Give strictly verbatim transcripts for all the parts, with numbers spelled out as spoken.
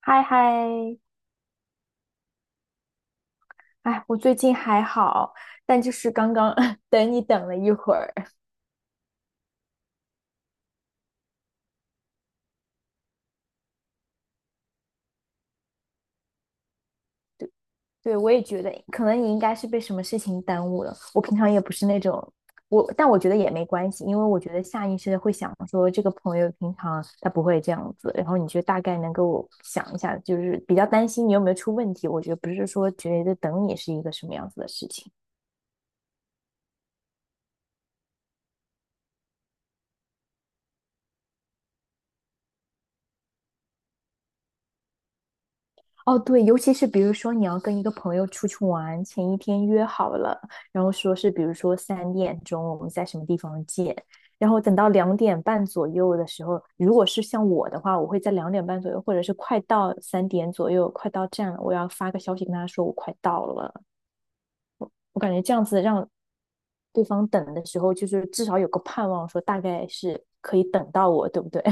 嗨嗨，哎，我最近还好，但就是刚刚 等你等了一会儿。对，我也觉得可能你应该是被什么事情耽误了。我平常也不是那种，我，但我觉得也没关系，因为我觉得下意识的会想说这个朋友平常他不会这样子，然后你就大概能够想一下，就是比较担心你有没有出问题。我觉得不是说觉得等你是一个什么样子的事情。哦，对，尤其是比如说你要跟一个朋友出去玩，前一天约好了，然后说是比如说三点钟我们在什么地方见，然后等到两点半左右的时候，如果是像我的话，我会在两点半左右，或者是快到三点左右，快到站了，我要发个消息跟他说我快到了。我感觉这样子让对方等的时候，就是至少有个盼望，说大概是可以等到我，对不对？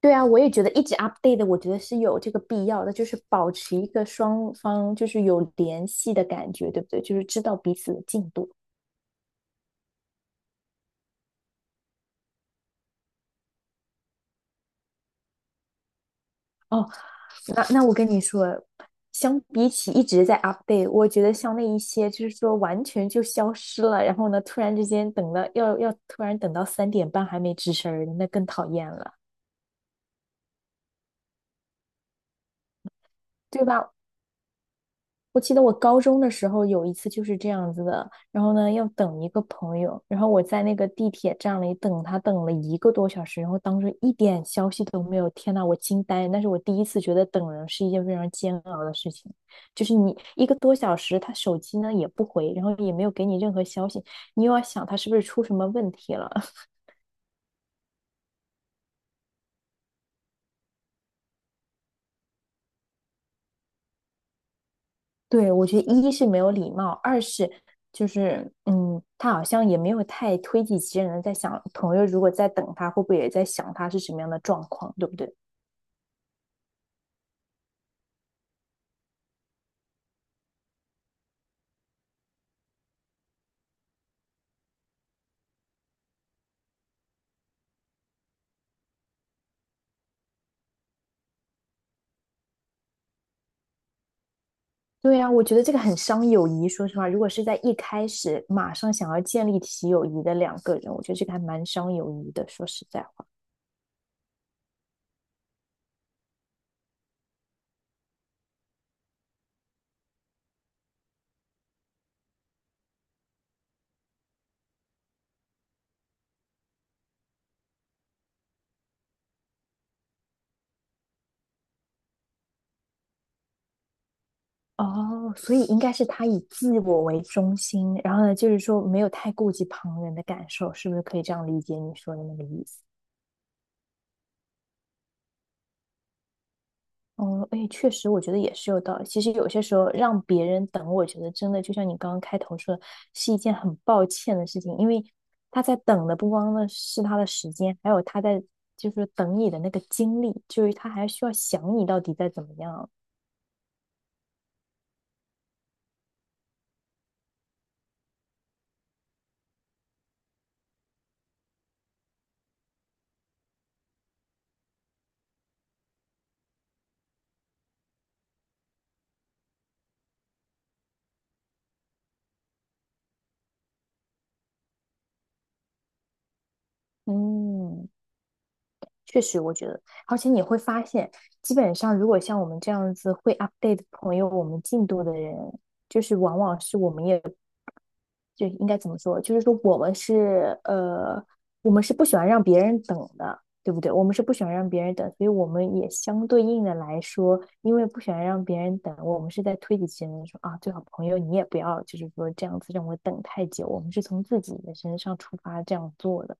对啊，我也觉得一直 update 的，我觉得是有这个必要的，就是保持一个双方就是有联系的感觉，对不对？就是知道彼此的进度。哦，那那我跟你说，相比起一直在 update,我觉得像那一些就是说完全就消失了，然后呢，突然之间等了要要突然等到三点半还没吱声儿的，那更讨厌了，对吧？我记得我高中的时候有一次就是这样子的，然后呢要等一个朋友，然后我在那个地铁站里等他，等了一个多小时，然后当时一点消息都没有，天呐，我惊呆了！那是我第一次觉得等人是一件非常煎熬的事情，就是你一个多小时，他手机呢也不回，然后也没有给你任何消息，你又要想他是不是出什么问题了。对，我觉得一是没有礼貌，二是就是，嗯，他好像也没有太推己及人的在想，朋友如果在等他，会不会也在想他是什么样的状况，对不对？对啊，我觉得这个很伤友谊。说实话，如果是在一开始马上想要建立起友谊的两个人，我觉得这个还蛮伤友谊的。说实在话，哦，所以应该是他以自我为中心，然后呢，就是说没有太顾及旁人的感受，是不是可以这样理解你说的那个意思？嗯，哎，确实，我觉得也是有道理。其实有些时候让别人等，我觉得真的就像你刚刚开头说的，是一件很抱歉的事情，因为他在等的不光呢是他的时间，还有他在就是等你的那个精力，就是他还需要想你到底在怎么样。嗯，确实，我觉得，而且你会发现，基本上如果像我们这样子会 update 朋友我们进度的人，就是往往是我们也。就应该怎么说？就是说我们是呃，我们是不喜欢让别人等的，对不对？我们是不喜欢让别人等，所以我们也相对应的来说，因为不喜欢让别人等，我们是在推己及人说啊，最好朋友你也不要就是说这样子让我等太久，我们是从自己的身上出发这样做的。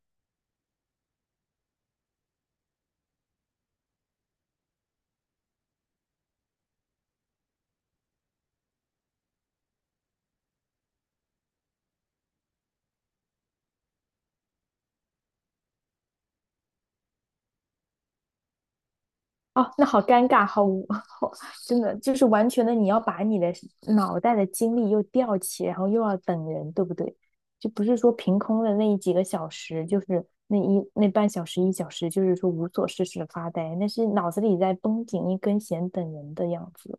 哦，那好尴尬，好无，好，真的就是完全的，你要把你的脑袋的精力又吊起，然后又要等人，对不对？就不是说凭空的那几个小时，就是那一那半小时一小时，就是说无所事事的发呆，那是脑子里在绷紧一根弦等人的样子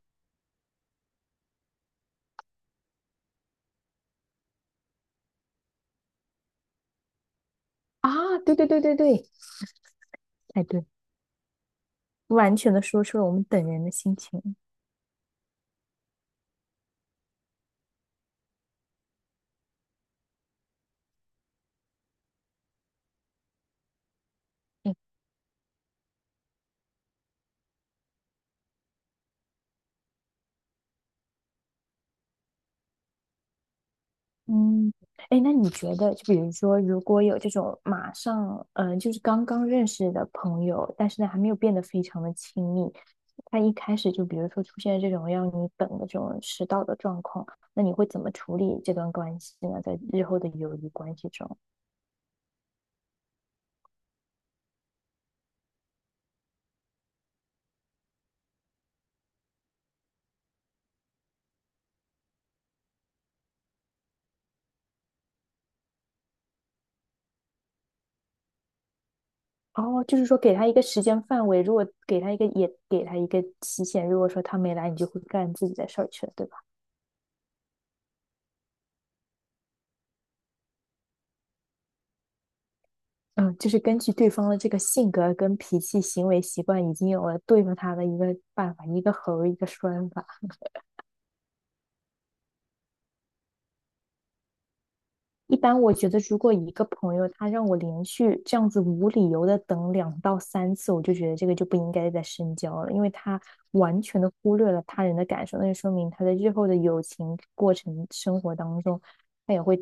啊！对对对对对，哎对，完全的说出了我们等人的心情。嗯，哎，那你觉得，就比如说，如果有这种马上，嗯、就是刚刚认识的朋友，但是呢，还没有变得非常的亲密，他一开始就比如说出现这种让你等的这种迟到的状况，那你会怎么处理这段关系呢？在日后的友谊关系中，哦，就是说给他一个时间范围，如果给他一个，也给他一个期限，如果说他没来，你就会干自己的事儿去了，对吧？嗯，就是根据对方的这个性格、跟脾气、行为习惯，已经有了对付他的一个办法，一个猴一个栓法。一般我觉得，如果一个朋友他让我连续这样子无理由的等两到三次，我就觉得这个就不应该再深交了，因为他完全的忽略了他人的感受，那就说明他在日后的友情过程、生活当中，他也会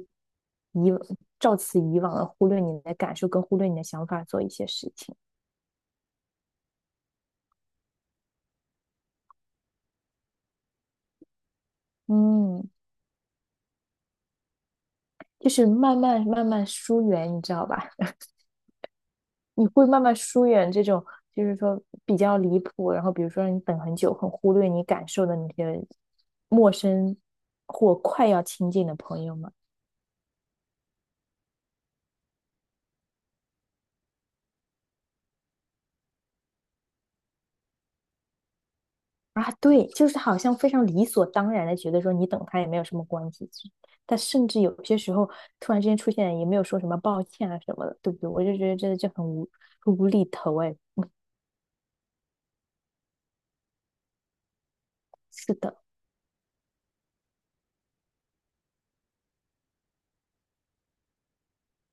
以照此以往的忽略你的感受，跟忽略你的想法做一些事情。嗯，就是慢慢慢慢疏远，你知道吧？你会慢慢疏远这种，就是说比较离谱，然后比如说让你等很久，很忽略你感受的那些陌生或快要亲近的朋友们啊。对，就是好像非常理所当然的觉得说你等他也没有什么关系，但甚至有些时候突然之间出现也没有说什么抱歉啊什么的，对不对？我就觉得真的就很无很无厘头哎，是的。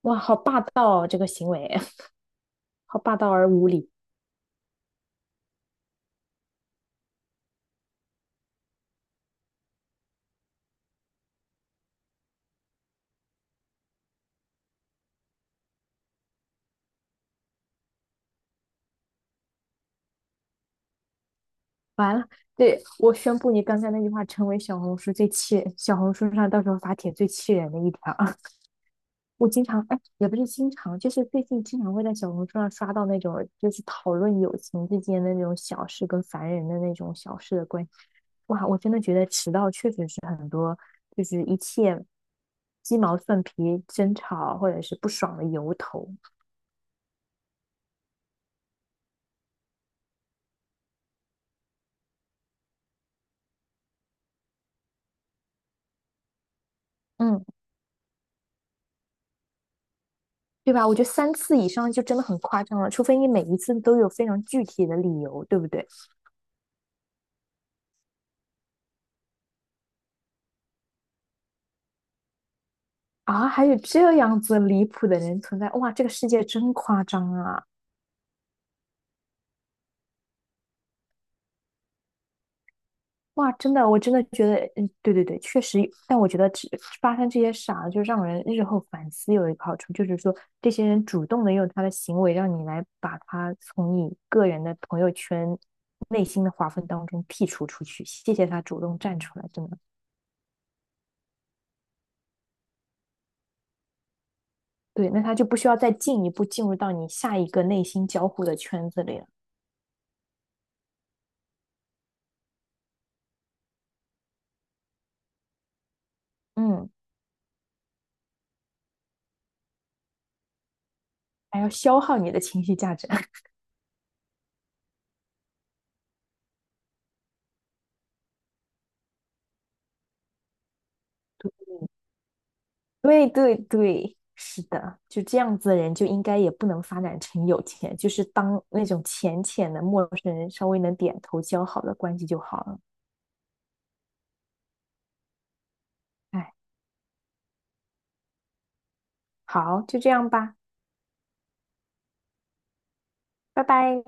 哇，好霸道哦，这个行为 好霸道而无理。完了，对，我宣布你刚才那句话成为小红书最气人小红书上到时候发帖最气人的一条。我经常，哎，也不是经常，就是最近经常会在小红书上刷到那种，就是讨论友情之间的那种小事跟烦人的那种小事的关系。哇，我真的觉得迟到确实是很多，就是一切鸡毛蒜皮、争吵或者是不爽的由头。嗯，对吧？我觉得三次以上就真的很夸张了，除非你每一次都有非常具体的理由，对不对？啊，还有这样子离谱的人存在，哇，这个世界真夸张啊！哇，真的，我真的觉得，嗯，对对对，确实，但我觉得只发生这些傻，就让人日后反思有一个好处，就是说这些人主动的用他的行为让你来把他从你个人的朋友圈内心的划分当中剔除出去，谢谢他主动站出来，真的。对，那他就不需要再进一步进入到你下一个内心交互的圈子里了。嗯，还要消耗你的情绪价值。对对对，是的，就这样子的人就应该也不能发展成有钱，就是当那种浅浅的陌生人，稍微能点头交好的关系就好了。哎，好，就这样吧，拜拜。